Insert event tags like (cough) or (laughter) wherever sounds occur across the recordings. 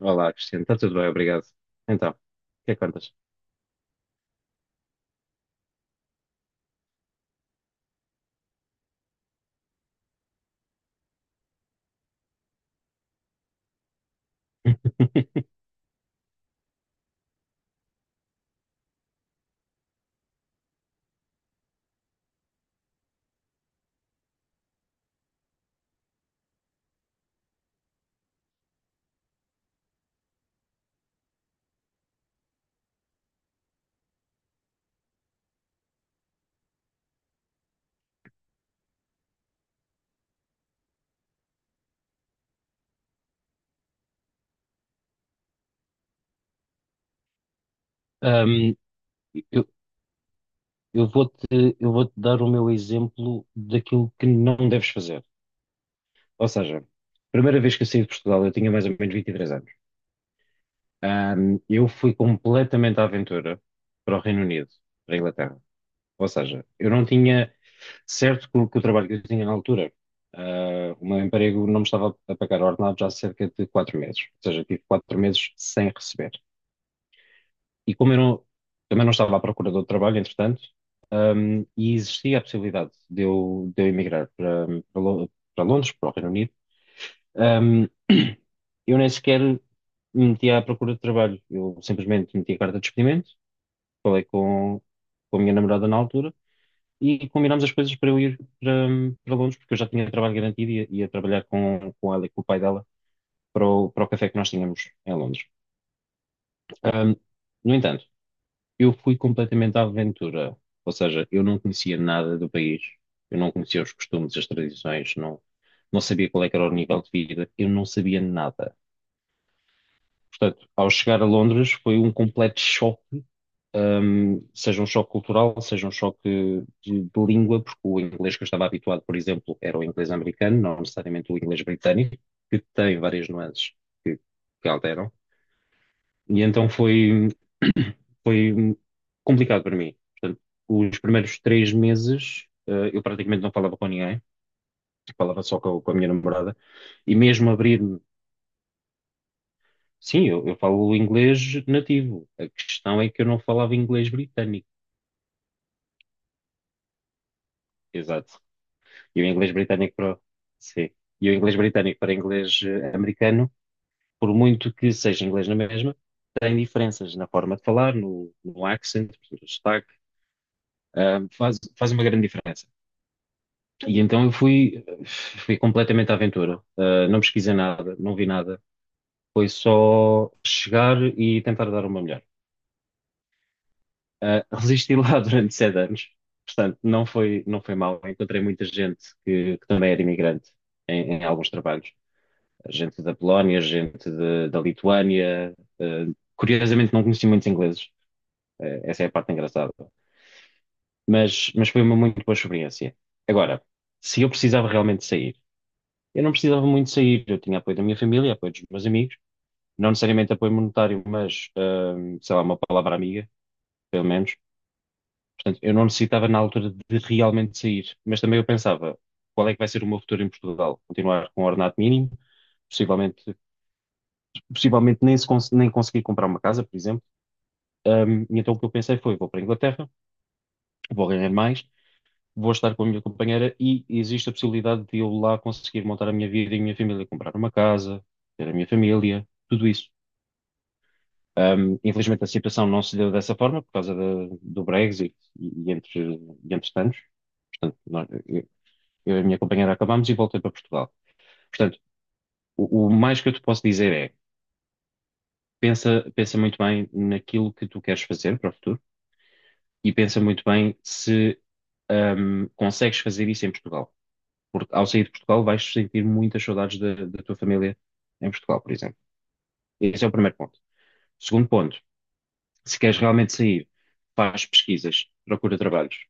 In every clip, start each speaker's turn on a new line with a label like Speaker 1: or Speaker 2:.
Speaker 1: Olá, Cristiano. Está tudo bem, obrigado. Então, o que é que contas? (laughs) Ahm, eu, eu vou-te, eu vou-te dar o meu exemplo daquilo que não deves fazer. Ou seja, primeira vez que eu saí de Portugal, eu tinha mais ou menos 23 anos. Eu fui completamente à aventura para o Reino Unido, para a Inglaterra. Ou seja, eu não tinha certo que o trabalho que eu tinha na altura, o meu emprego não me estava a pagar ordenado já há cerca de 4 meses. Ou seja, tive 4 meses sem receber. E como eu não, também não estava à procura de outro trabalho, entretanto, e existia a possibilidade de eu emigrar para Londres, para o Reino Unido, hum, (clears throat) eu nem sequer me meti à procura de trabalho. Eu simplesmente meti a carta de despedimento, falei com a minha namorada na altura e combinámos as coisas para eu ir para Londres, porque eu já tinha trabalho garantido e ia trabalhar com ela e com o pai dela para o café que nós tínhamos em Londres. Hum, no entanto, eu fui completamente à aventura. Ou seja, eu não conhecia nada do país, eu não conhecia os costumes, as tradições, não sabia qual é que era o nível de vida, eu não sabia nada. Portanto, ao chegar a Londres foi um completo choque, seja um choque cultural, seja um choque de língua, porque o inglês que eu estava habituado, por exemplo, era o inglês americano, não necessariamente o inglês britânico, que tem várias nuances que, que alteram. E então foi, (coughs) (clears throat) foi complicado para mim. Os primeiros 3 meses, eu praticamente não falava com ninguém, falava só com a minha namorada, e mesmo abrir-me, sim, eu falo inglês nativo, a questão é que eu não falava inglês britânico, exato, e o inglês britânico para, sim, e o inglês britânico para inglês americano, por muito que seja inglês na mesma, tem diferenças na forma de falar, no accent, no sotaque, ah, faz uma grande diferença. E então eu fui, fui completamente à aventura. Não pesquisei nada, não vi nada. Foi só chegar e tentar dar uma melhor. Resisti lá (laughs) durante 7 anos, portanto, não foi mal. Encontrei muita gente que também era imigrante em alguns trabalhos. Gente da Polónia, gente da Lituânia. Ah, Curiosamente, não conheci muitos ingleses. Essa é a parte engraçada. Mas foi uma muito boa experiência. Agora, se eu precisava realmente sair, eu não precisava muito sair. Eu tinha apoio da minha família, apoio dos meus amigos, não necessariamente apoio monetário, mas, sei lá, uma palavra amiga pelo menos. Portanto, eu não necessitava na altura de realmente sair, mas também eu pensava, qual é que vai ser o meu futuro em Portugal? Continuar com um ordenado mínimo, possivelmente, possivelmente nem, se cons- nem conseguir comprar uma casa, por exemplo. E então o que eu pensei foi, vou para a Inglaterra, vou ganhar mais, vou estar com a minha companheira e existe a possibilidade de eu lá conseguir montar a minha vida e a minha família, comprar uma casa, ter a minha família, tudo isso. Infelizmente a situação não se deu dessa forma por causa do Brexit e entre tantos. Portanto, eu e a minha companheira acabámos e voltei para Portugal. Portanto, o mais que eu te posso dizer é, pensa muito bem naquilo que tu queres fazer para o futuro e pensa muito bem se consegues fazer isso em Portugal. Porque ao sair de Portugal vais sentir muitas saudades da tua família em Portugal, por exemplo. Esse é o primeiro ponto. Segundo ponto, se queres realmente sair, faz pesquisas, procura trabalhos,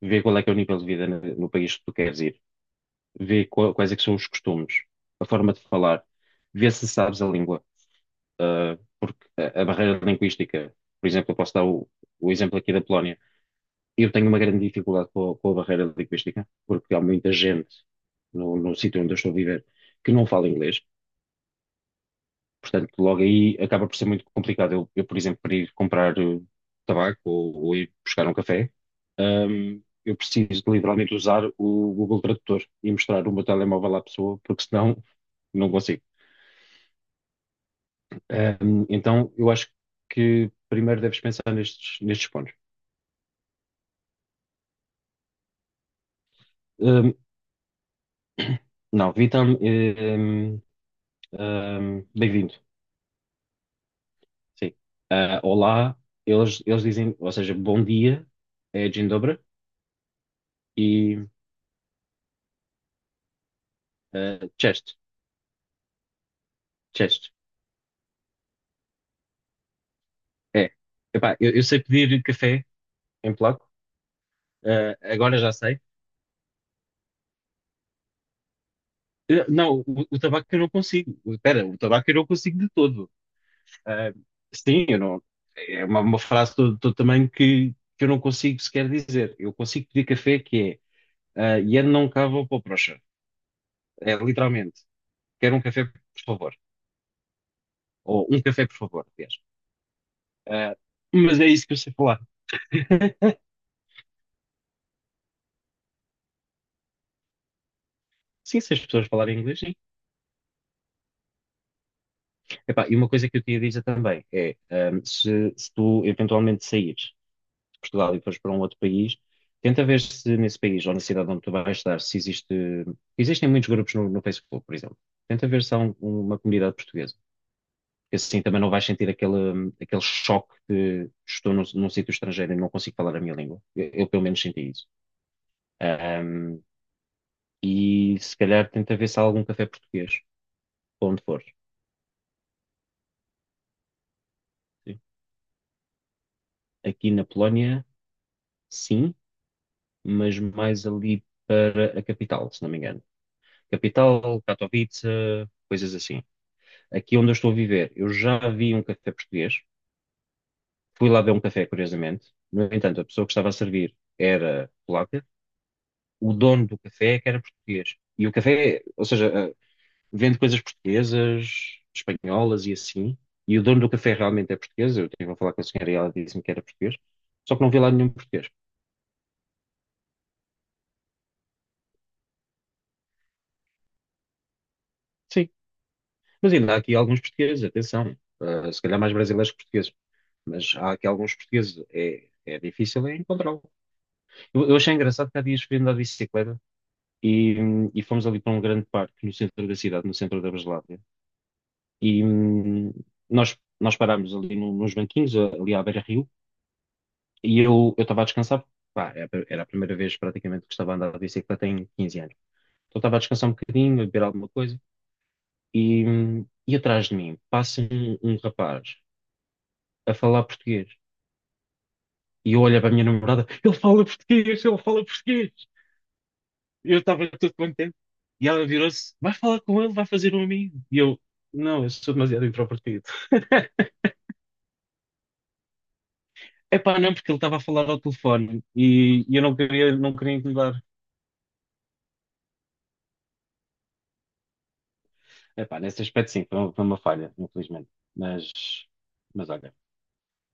Speaker 1: vê qual é que é o nível de vida no país que tu queres ir, vê quais é que são os costumes, a forma de falar, vê se sabes a língua. Porque a barreira linguística, por exemplo, eu posso dar o exemplo aqui da Polónia. Eu tenho uma grande dificuldade com a barreira linguística, porque há muita gente no sítio onde eu estou a viver que não fala inglês. Portanto, logo aí acaba por ser muito complicado. Eu por exemplo, para ir comprar tabaco ou ir buscar um café, eu preciso de literalmente usar o Google Tradutor e mostrar o meu telemóvel à pessoa, porque senão não consigo. Então, eu acho que primeiro deves pensar nestes, nestes pontos. Ahm, não, Vitam, bem-vindo. Sim. Olá, eles dizem, ou seja, bom dia, é Dzień dobry, e cześć, cześć. É. Epá, eu sei pedir café em polaco, agora já sei. Não, o tabaco eu não consigo. Espera, o tabaco eu não consigo de todo. Ah, sim, eu não, é uma frase do tamanho que eu não consigo sequer dizer. Eu consigo pedir café que é "Yen não cava ou procha. É literalmente, quero um café, por favor. Ou um café, por favor, aliás. Ah, mas é isso que eu sei falar. (laughs) Sim, se as pessoas falarem inglês, sim. Epá, e uma coisa que eu te ia dizer também é, se tu eventualmente saíres Portugal e fores para um outro país, tenta ver se nesse país ou na cidade onde tu vais estar, se existe. Existem muitos grupos no Facebook, por exemplo. Tenta ver se há uma comunidade portuguesa. Porque assim também não vais sentir aquele choque de estou num sítio estrangeiro e não consigo falar a minha língua. Eu pelo menos senti isso. Ahm, e se calhar tenta ver se há algum café português, para onde for. Sim. Aqui na Polónia, sim, mas mais ali para a capital, se não me engano. Capital, Katowice, coisas assim. Aqui onde eu estou a viver, eu já vi um café português, fui lá ver um café, curiosamente. No entanto, a pessoa que estava a servir era polaca, o dono do café é que era português. E o café, ou seja, vende coisas portuguesas, espanholas e assim. E o dono do café realmente é português. Eu estive a falar com a senhora e ela disse-me que era português. Só que não vi lá nenhum português. Sim, mas ainda há aqui alguns portugueses, atenção. Se calhar mais brasileiros que portugueses. Mas há aqui alguns portugueses. É difícil é encontrá-lo. Eu achei engraçado que há dias fui andar de bicicleta, e fomos ali para um grande parque no centro da cidade, no centro da Breslávia. E nós parámos ali nos banquinhos, ali à beira-rio, e eu estava a descansar. Pá, era a primeira vez praticamente que estava a andar de bicicleta em 15 anos. Então estava a descansar um bocadinho, a beber alguma coisa, e atrás de mim passa um rapaz a falar português. E eu olho para a minha namorada, ele fala português, ele fala português. Eu estava todo contente. E ela virou-se: vai falar com ele, vai fazer um amigo. E eu: não, eu sou demasiado introvertido. Epá, não, porque ele estava a falar ao telefone e eu não queria incomodar. Epá, nesse aspecto, sim, foi uma falha, infelizmente. Mas, mas olha.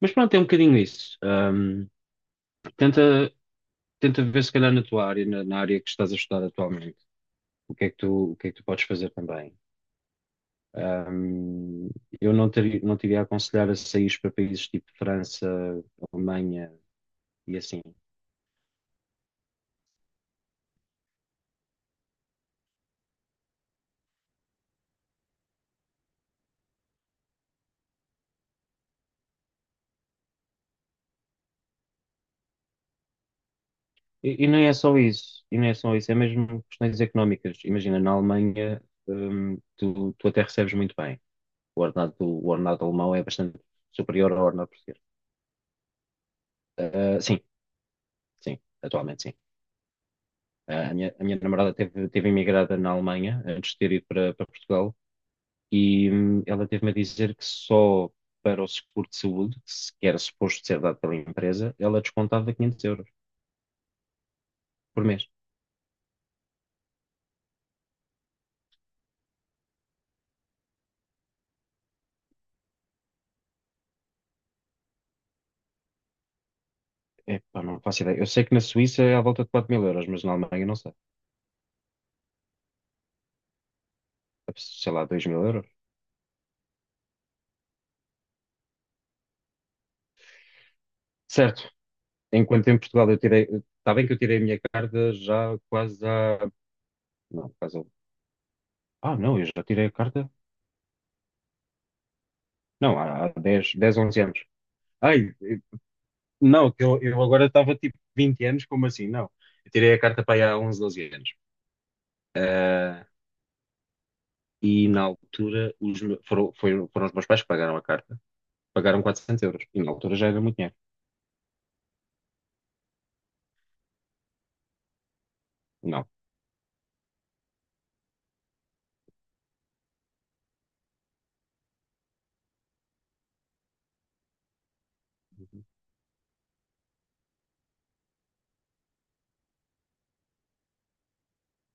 Speaker 1: Mas pronto, é um bocadinho isso. Tenta, tenta ver, se calhar, na tua área, na área que estás a estudar atualmente, o que é que tu, o que é que tu podes fazer também. Ahm, eu não teria, Não te iria aconselhar a sair para países tipo França, Alemanha, e assim. E não é só isso, e não é só isso, é mesmo questões económicas. Imagina, na Alemanha, tu até recebes muito bem. O ordenado alemão é bastante superior ao ordenado português. Ah, sim, sim, atualmente sim. A minha namorada teve imigrada na Alemanha antes de ter ido para Portugal e ela teve-me a dizer que só para o seguro de saúde, que que era suposto ser dado pela empresa, ela descontava 500 euros por mês. Epá, não faço ideia. Eu sei que na Suíça é à volta de 4 mil euros, mas na Alemanha não sei. Sei lá, 2 mil euros. Certo. Enquanto em Portugal eu tirei. Está bem que eu tirei a minha carta já quase há. Não, quase. Ah, não, eu já tirei a carta. Não, há 10 10, 11 anos. Ai, não, que eu agora estava tipo 20 anos, como assim? Não. Eu tirei a carta para aí há 11, 12 anos. Ah, e na altura os, me- foram, foi- foram os meus pais que pagaram a carta. Pagaram 400 euros. E na altura já era muito dinheiro. Não.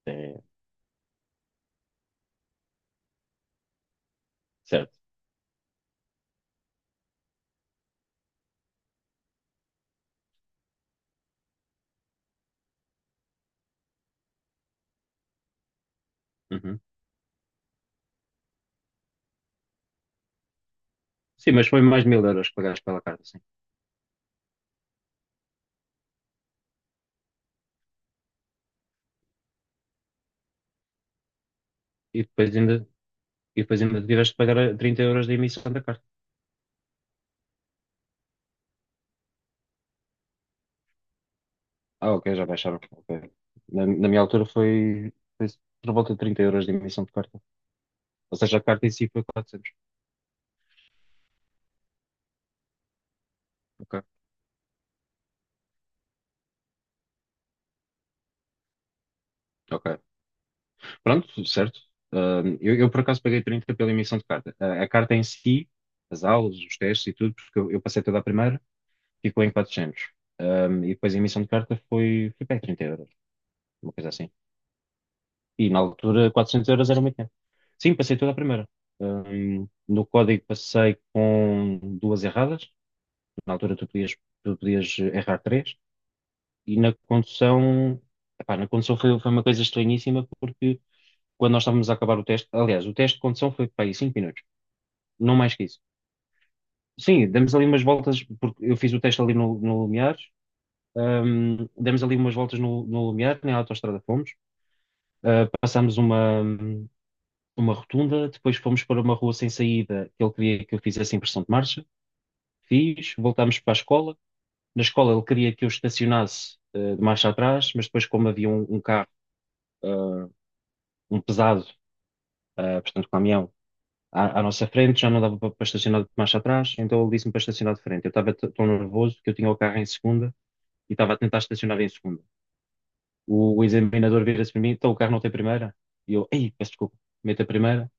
Speaker 1: É, certo. Uhum. Sim, mas foi mais 1.000 euros que pagaste pela carta, sim. E depois ainda, e depois ainda tiveste de pagar a 30 euros de emissão da carta. Ah, ok, já baixaram. Ok. Na minha altura foi por volta de 30 euros de emissão de carta. Ou seja, a carta em si foi 400. Ok, ok. Pronto, certo. Ah, eu, por acaso paguei 30 pela emissão de carta. A carta em si, as aulas, os testes e tudo, porque eu passei toda a primeira, ficou em 400. Ah, e depois a emissão de carta foi para aí 30 euros, uma coisa assim. E na altura 400 euros era muito dinheiro. Sim, passei toda a primeira. No código passei com duas erradas. Na altura tu podias errar três. E na condução, epá, na condução foi uma coisa estranhíssima porque quando nós estávamos a acabar o teste, aliás, o teste de condução foi para aí 5 minutos, não mais que isso. Sim, demos ali umas voltas, porque eu fiz o teste ali no Lumiares, demos ali umas voltas no Lumiar, na autoestrada fomos, passámos uma rotunda, depois fomos para uma rua sem saída, que ele queria que eu fizesse impressão de marcha, fiz, voltámos para a escola, na escola ele queria que eu estacionasse de marcha atrás, mas depois como havia um carro, ah, um pesado, portanto caminhão, à nossa frente, já não dava para estacionar de marcha atrás, então ele disse-me para estacionar de frente. Eu estava tão nervoso que eu tinha o carro em segunda e estava a tentar estacionar em segunda. O examinador vira-se para mim, então o carro não tem primeira? E eu, ei, peço desculpa, mete a primeira,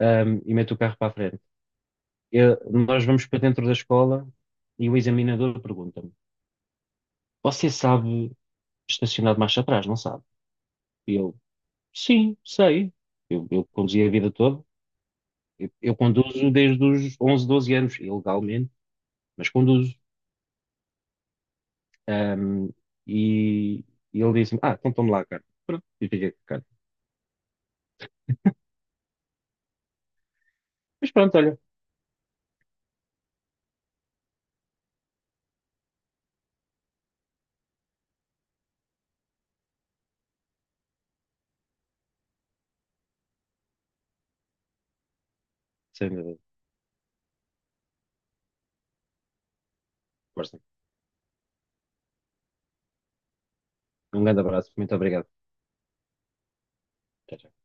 Speaker 1: e mete o carro para a frente. Nós vamos para dentro da escola e o examinador pergunta-me: Você sabe estacionar de marcha atrás, não sabe? E eu: Sim, sei. Eu conduzi a vida toda. Eu conduzo desde os 11, 12 anos, ilegalmente, mas conduzo. Ahm, e, e ele disse-me: Ah, então toma lá a carta. Pronto, eu fiquei com a carta. Mas pronto, olha, sem eh, força. Um grande abraço, muito obrigado. Tchau, tchau.